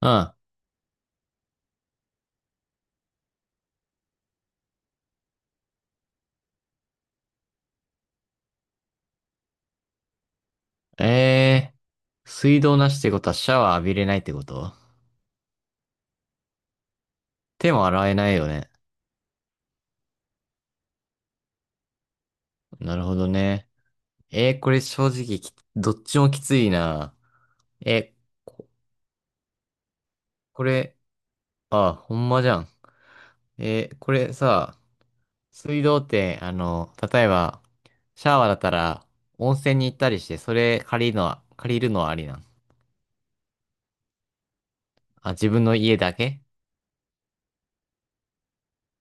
うん。え水道なしってことはシャワー浴びれないってこと、手も洗えないよね。なるほどね。これ正直き、どっちもきついな。え、これ、あ、ほんまじゃん。これさ、水道って、例えば、シャワーだったら、温泉に行ったりして、それ借りるのは、借りるのはありなん？あ、自分の家だけ？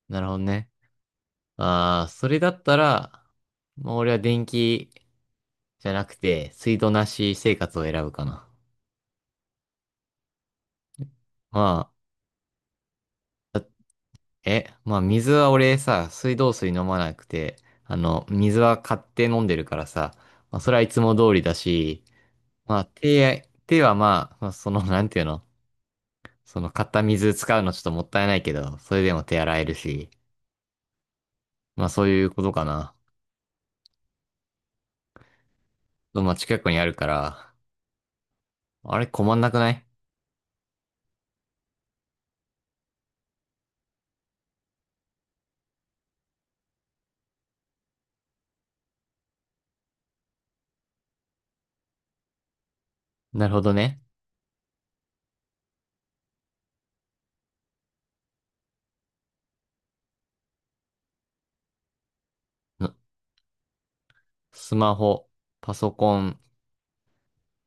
なるほどね。ああ、それだったら、まあ、俺は電気じゃなくて、水道なし生活を選ぶかな。まあ、だえ、まあ水は俺さ、水道水飲まなくて、あの、水は買って飲んでるからさ、まあそれはいつも通りだし、手はまあ、まあその、なんていうの、その買った水使うのちょっともったいないけど、それでも手洗えるし、まあそういうことかな。まあ近くにあるから、あれ困んなくない？なるほどね。のスマホ、パソコン、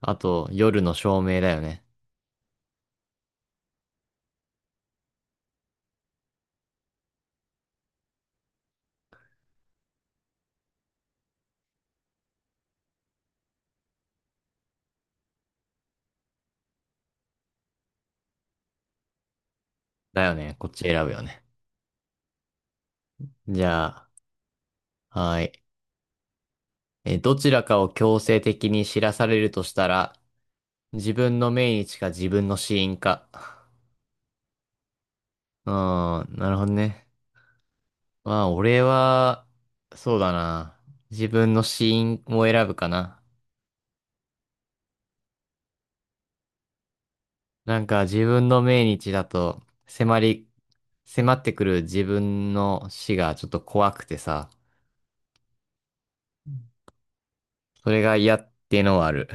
あと夜の照明だよね。だよね。こっち選ぶよね。じゃあ、はい。えー、どちらかを強制的に知らされるとしたら、自分の命日か自分の死因か。うーん、なるほどね。まあ、俺は、そうだな。自分の死因を選ぶかな。なんか、自分の命日だと、迫り、迫ってくる自分の死がちょっと怖くてさ、それが嫌っていうのはある。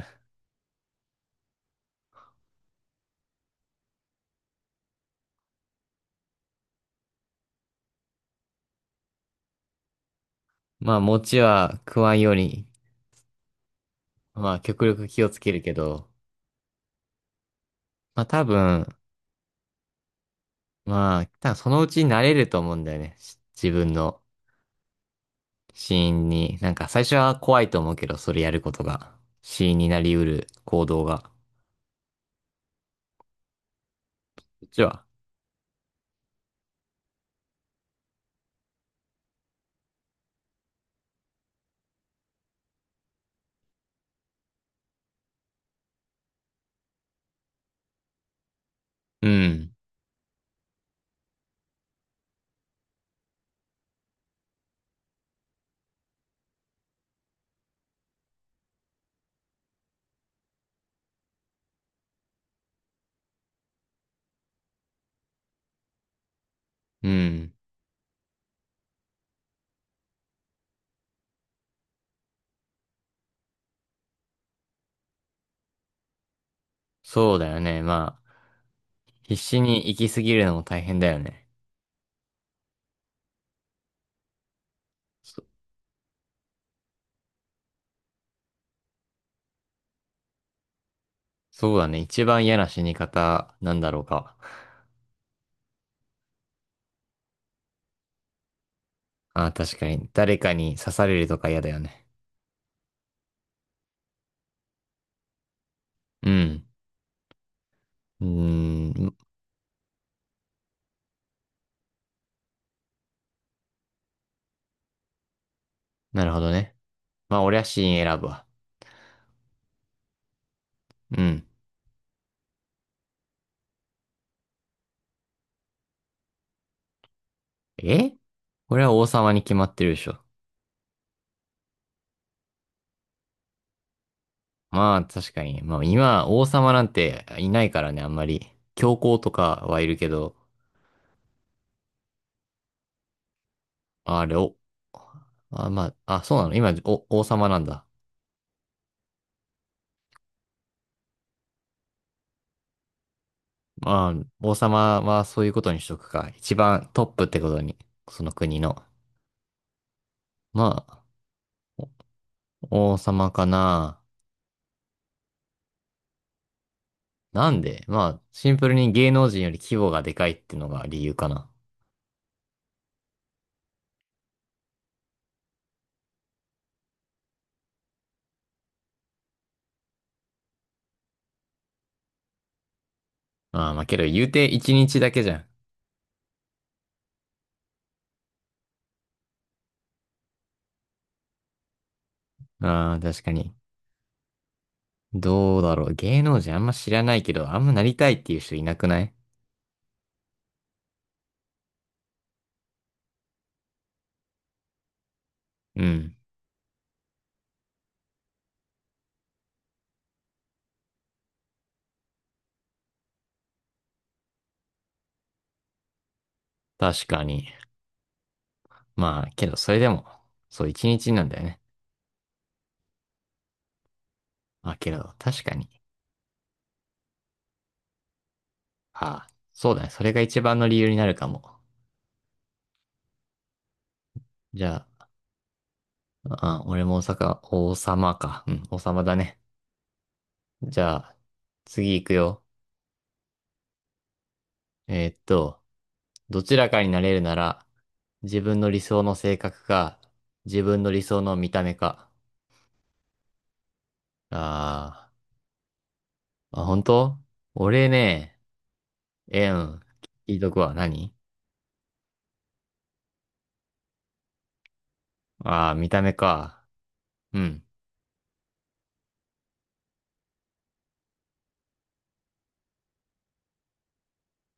まあ、餅は食わんように、まあ、極力気をつけるけど、まあ多分、まあ、多分そのうち慣れると思うんだよね。し自分の死因に。なんか最初は怖いと思うけど、それやることが。死因になりうる行動が。こっちは。うん。うん。そうだよね。まあ、必死に生きすぎるのも大変だよね。そ、そうだね。一番嫌な死に方なんだろうか。ああ、確かに。誰かに刺されるとか嫌だよね。うん。うーん。なるほどね。まあ、俺は死因選ぶわ。うん。えこれは王様に決まってるでしょ。まあ、確かに。まあ、今、王様なんていないからね、あんまり。教皇とかはいるけど、あれ、お、あ、まあ、あ、そうなの？今、お、王様なんだ。まあ、王様はそういうことにしとくか。一番トップってことに、その国の。まあ、王様かな。なんで、まあ、シンプルに芸能人より規模がでかいってのが理由かな。ああ、まあけど言うて一日だけじゃん。ああ、確かに。どうだろう。芸能人あんま知らないけど、あんまなりたいっていう人いなくない？うん。確かに。まあ、けど、それでも、そう、一日なんだよね。まあ、けど、確かに。ああ、そうだね。それが一番の理由になるかも。じゃあ、あ、俺も大阪、王様か。うん、王様だね。じゃあ、次行くよ。えーっと、どちらかになれるなら、自分の理想の性格か、自分の理想の見た目か。あーあ、本当？俺ね、えーうん、聞いとくわ。何？ああー、見た目か。うん。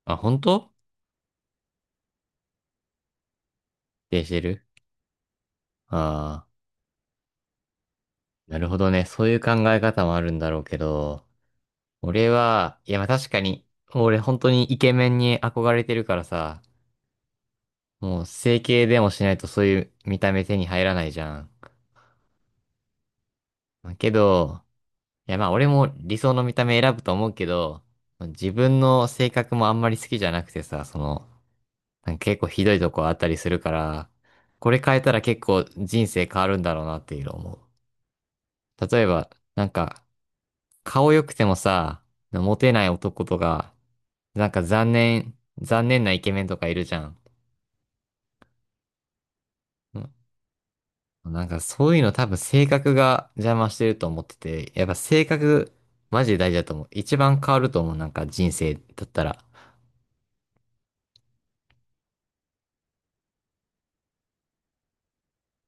あ、本当？定してるああー、なるほどね。そういう考え方もあるんだろうけど、俺は、いや、まあ確かに、俺本当にイケメンに憧れてるからさ、もう整形でもしないとそういう見た目手に入らないじゃん。まあけど、いやまあ俺も理想の見た目選ぶと思うけど、自分の性格もあんまり好きじゃなくてさ、その、なんか結構ひどいとこあったりするから、これ変えたら結構人生変わるんだろうなっていうのを思う。例えば、なんか、顔良くてもさ、モテない男とか、残念なイケメンとかいるじゃん。うんなんかそういうの多分性格が邪魔してると思ってて、やっぱ性格マジで大事だと思う。一番変わると思う、なんか人生だったら。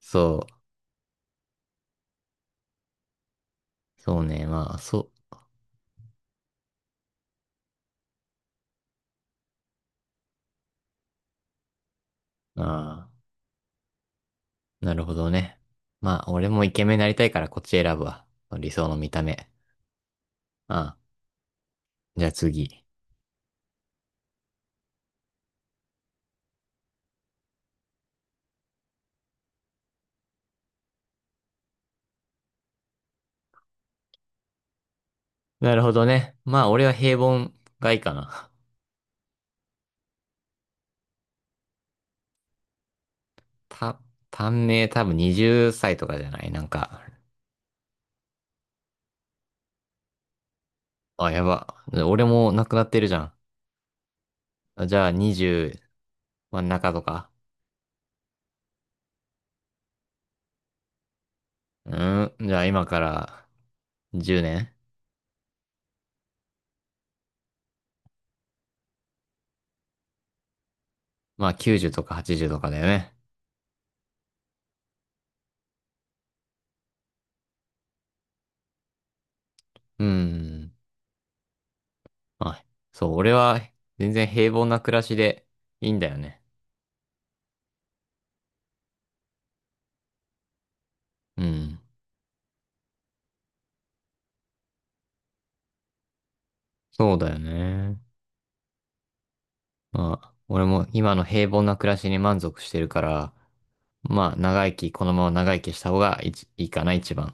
そそうね、まあ、そう、ああ、なるほどね。まあ、俺もイケメンになりたいからこっち選ぶわ。理想の見た目。ああ、じゃあ次。なるほどね。まあ、俺は平凡がいいかな。た、短命多分20歳とかじゃない？なんか、あ、やば。俺も亡くなってるじゃん。あじゃあ20真ん中とか。うん。じゃあ今から10年まあ90とか80とかだよね。うん。まあ、そう、俺は全然平凡な暮らしでいいんだよね。うん。そうだよね。まあ、俺も今の平凡な暮らしに満足してるから、まあ長生き、このまま長生きした方がいちいいかな、一番。